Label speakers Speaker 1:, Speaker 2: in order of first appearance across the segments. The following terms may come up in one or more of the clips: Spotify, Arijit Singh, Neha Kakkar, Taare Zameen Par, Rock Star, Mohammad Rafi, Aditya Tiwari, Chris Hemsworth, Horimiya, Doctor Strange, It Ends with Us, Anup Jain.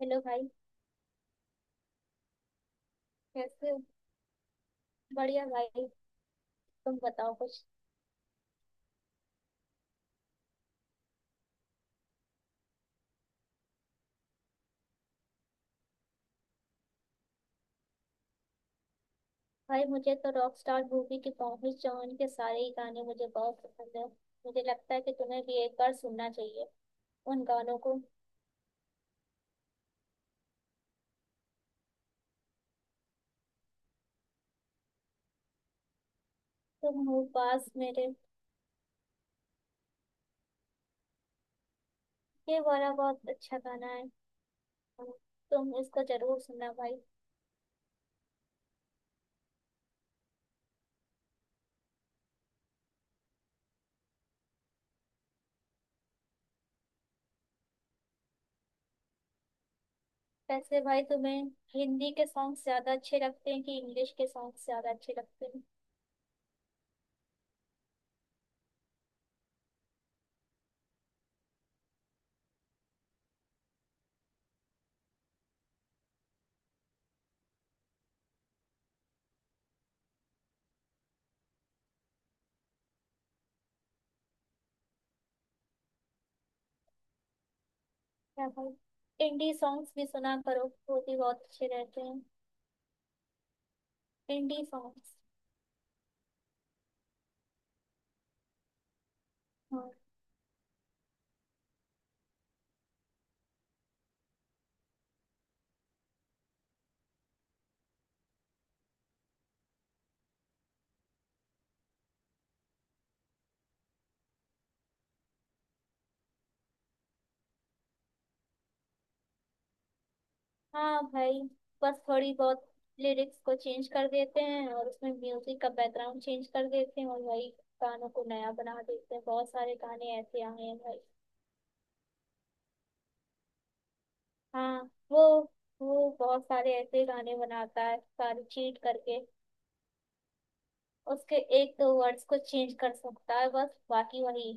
Speaker 1: Hello भाई। कैसे हो। बढ़िया भाई। तुम बताओ कुछ। भाई मुझे तो रॉक स्टार मूवी के पॉम्पी चौहान के सारे ही गाने मुझे बहुत पसंद है। मुझे लगता है कि तुम्हें भी एक बार सुनना चाहिए उन गानों को। तुम हो पास मेरे। ये वाला बहुत अच्छा गाना है। हाँ। तुम इसको जरूर सुनना भाई। वैसे भाई तुम्हें हिंदी के सॉन्ग ज्यादा अच्छे लगते हैं कि इंग्लिश के सॉन्ग ज्यादा अच्छे लगते हैं। क्या भाई, इंडी सॉन्ग्स भी सुना करो। वो भी बहुत अच्छे रहते हैं। Indie songs. हाँ। हाँ भाई। बस थोड़ी बहुत लिरिक्स को चेंज कर देते हैं और उसमें म्यूजिक का बैकग्राउंड चेंज कर देते हैं और वही गानों को नया बना देते हैं। बहुत सारे गाने ऐसे आए हैं भाई। हाँ, वो बहुत सारे ऐसे गाने बनाता है सारे चीट करके। उसके एक दो वर्ड्स को चेंज कर सकता है बस बाकी वही।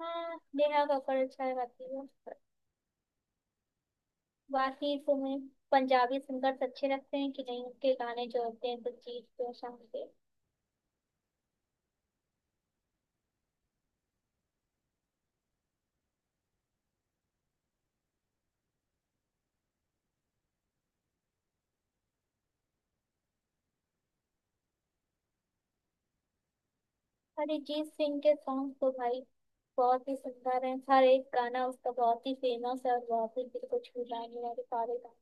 Speaker 1: हाँ, नेहा कक्कड़ अच्छा गाती है। बाकी तुम्हें पंजाबी सिंगर्स अच्छे लगते हैं कि नहीं? उनके गाने जो होते हैं तो जीत के शाम के। अरिजीत सिंह के सॉन्ग तो भाई बहुत ही सुंदर है। हर एक गाना उसका बहुत ही फेमस है और बहुत ही दिल को छू जाने वाले सारे गाने।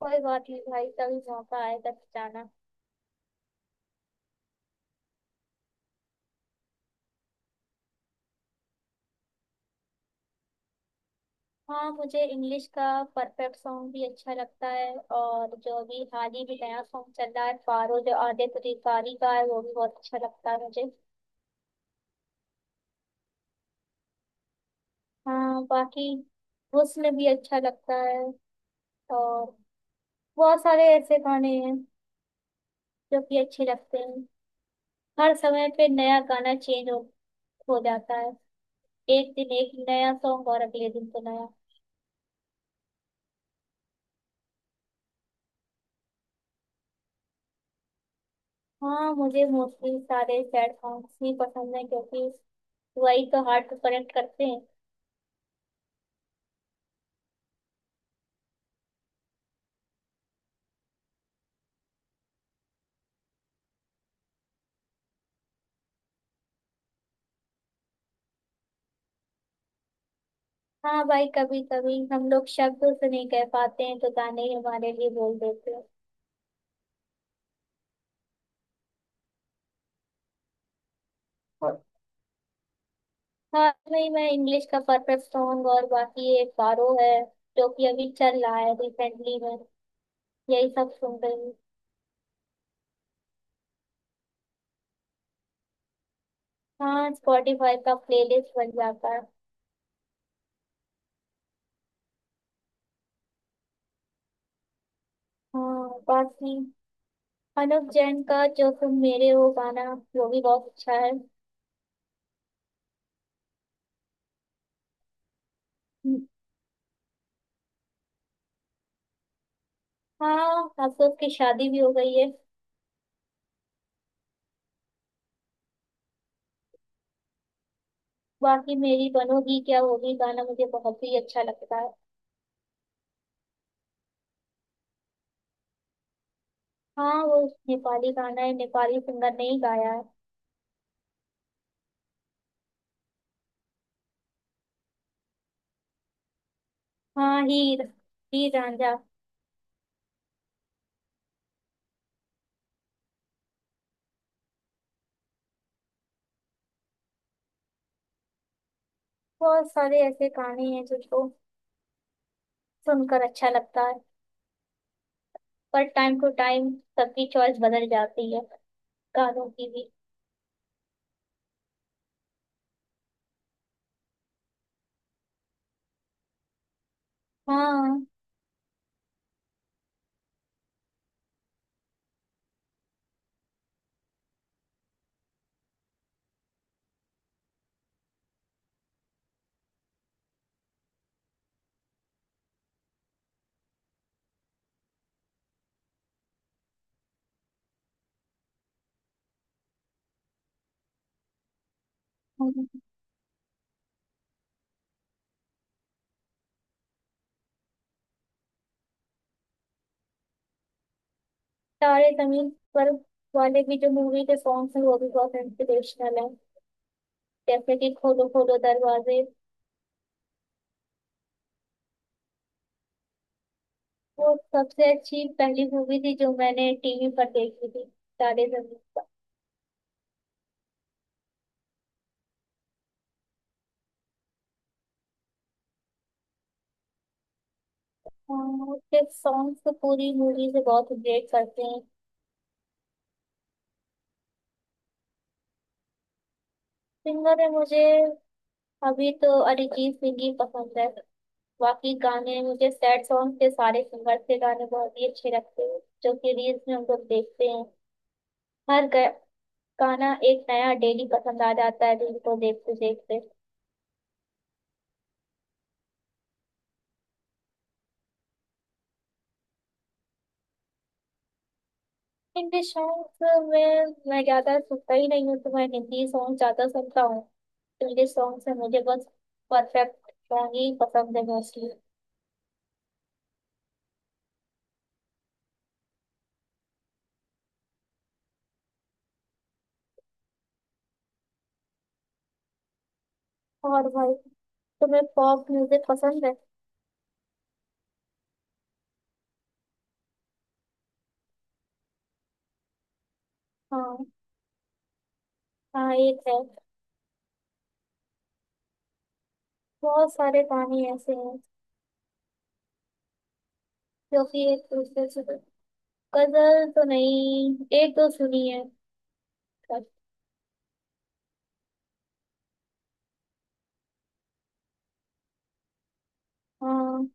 Speaker 1: कोई बात नहीं भाई, कभी मौका आएगा तो जाना। हाँ, मुझे इंग्लिश का परफेक्ट सॉन्ग भी अच्छा लगता है और जो अभी हाल ही में नया सॉन्ग चल रहा है पारो जो आदित्य तिवारी का है वो भी बहुत अच्छा लगता है मुझे। हाँ बाकी हुस्न भी अच्छा लगता है। और बहुत सारे ऐसे गाने हैं जो कि अच्छे लगते हैं। हर समय पे नया गाना चेंज होता हो जाता है। एक दिन एक नया सॉन्ग और अगले दिन तो नया। हाँ, मुझे मोस्टली सारे सैड सॉन्ग्स ही पसंद है, क्योंकि वही तो हार्ट को कनेक्ट करते हैं। हाँ भाई, कभी कभी हम लोग शब्दों से नहीं कह पाते हैं तो गाने ही हमारे लिए बोल देते हैं। और हाँ भाई, मैं इंग्लिश का परफेक्ट सॉन्ग और बाकी एक बारो है जो कि अभी चल रहा है रिसेंटली में। यही सब सुन रही हूँ। हाँ, स्पॉटिफाई का प्लेलिस्ट बन जाता है। हाँ बाकी अनुप जैन का जो तुम मेरे हो गाना वो भी बहुत अच्छा है। हम्म। हाँ, अब तो उसकी शादी भी हो गई है। बाकी मेरी बनोगी क्या होगी गाना मुझे बहुत ही अच्छा लगता है। हाँ वो नेपाली गाना है, नेपाली सिंगर ने ही गाया है। हाँ हीर। हीर रांझा। बहुत सारे ऐसे गाने हैं जिनको सुनकर अच्छा लगता है। पर टाइम टू टाइम सबकी चॉइस बदल जाती है, गानों की भी। हाँ। हम्म। तारे जमीन पर वाले भी जो मूवी के सॉन्ग्स हैं वो भी बहुत इंस्पिरेशनल है, जैसे कि खोलो खोलो दरवाजे। वो सबसे अच्छी पहली मूवी थी जो मैंने टीवी पर देखी थी, तारे जमीन पर। हाँ, उसके सॉन्ग्स तो पूरी मूवी से बहुत रिलेट करते हैं। सिंगर है मुझे, अभी तो अरिजीत सिंह ही पसंद है। बाकी गाने मुझे सैड सॉन्ग के सारे सिंगर के गाने बहुत ही अच्छे लगते हैं जो कि रील्स में हम लोग देखते हैं। हर गा- गाना एक नया डेली पसंद आ जाता है रील को देखते देखते। हिंदी सॉन्ग में मैं ज्यादा सुनता ही नहीं हूँ, तो मैं हिंदी सॉन्ग ज्यादा सुनता हूँ। इंग्लिश सॉन्ग से मुझे बस परफेक्ट सॉन्ग ही पसंद है मोस्टली। और भाई तुम्हें पॉप म्यूजिक पसंद है? हाँ। हाँ एक है। बहुत सारे गाने ऐसे हैं जो कि एक दूसरे से। गजल तो नहीं, एक दो सुनी है पर। हाँ।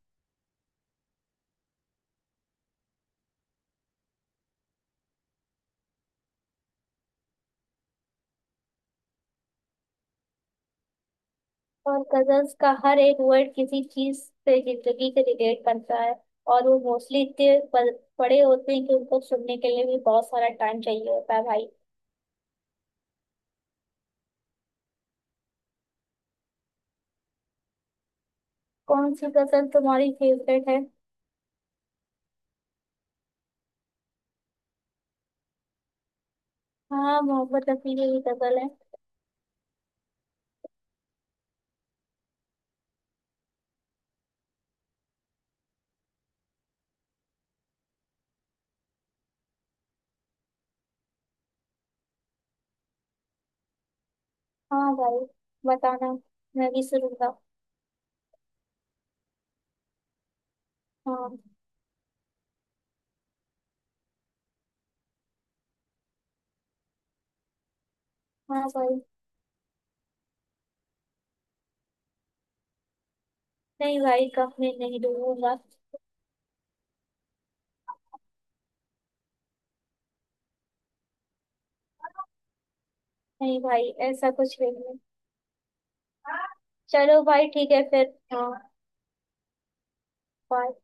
Speaker 1: और गजल्स का हर एक वर्ड किसी चीज से, जिंदगी से रिलेट करता है। और वो मोस्टली इतने बड़े होते हैं कि उनको सुनने के लिए भी बहुत सारा टाइम चाहिए होता है भाई। कौन सी गजल तुम्हारी फेवरेट है? हाँ, मोहम्मद रफी की भी गजल है। हाँ भाई, बताना, मैं भी सुनूंगा। हाँ। हाँ भाई। नहीं भाई, कब मैं नहीं डूबूंगा। नहीं भाई ऐसा कुछ नहीं है। चलो भाई ठीक है फिर। हाँ। bye.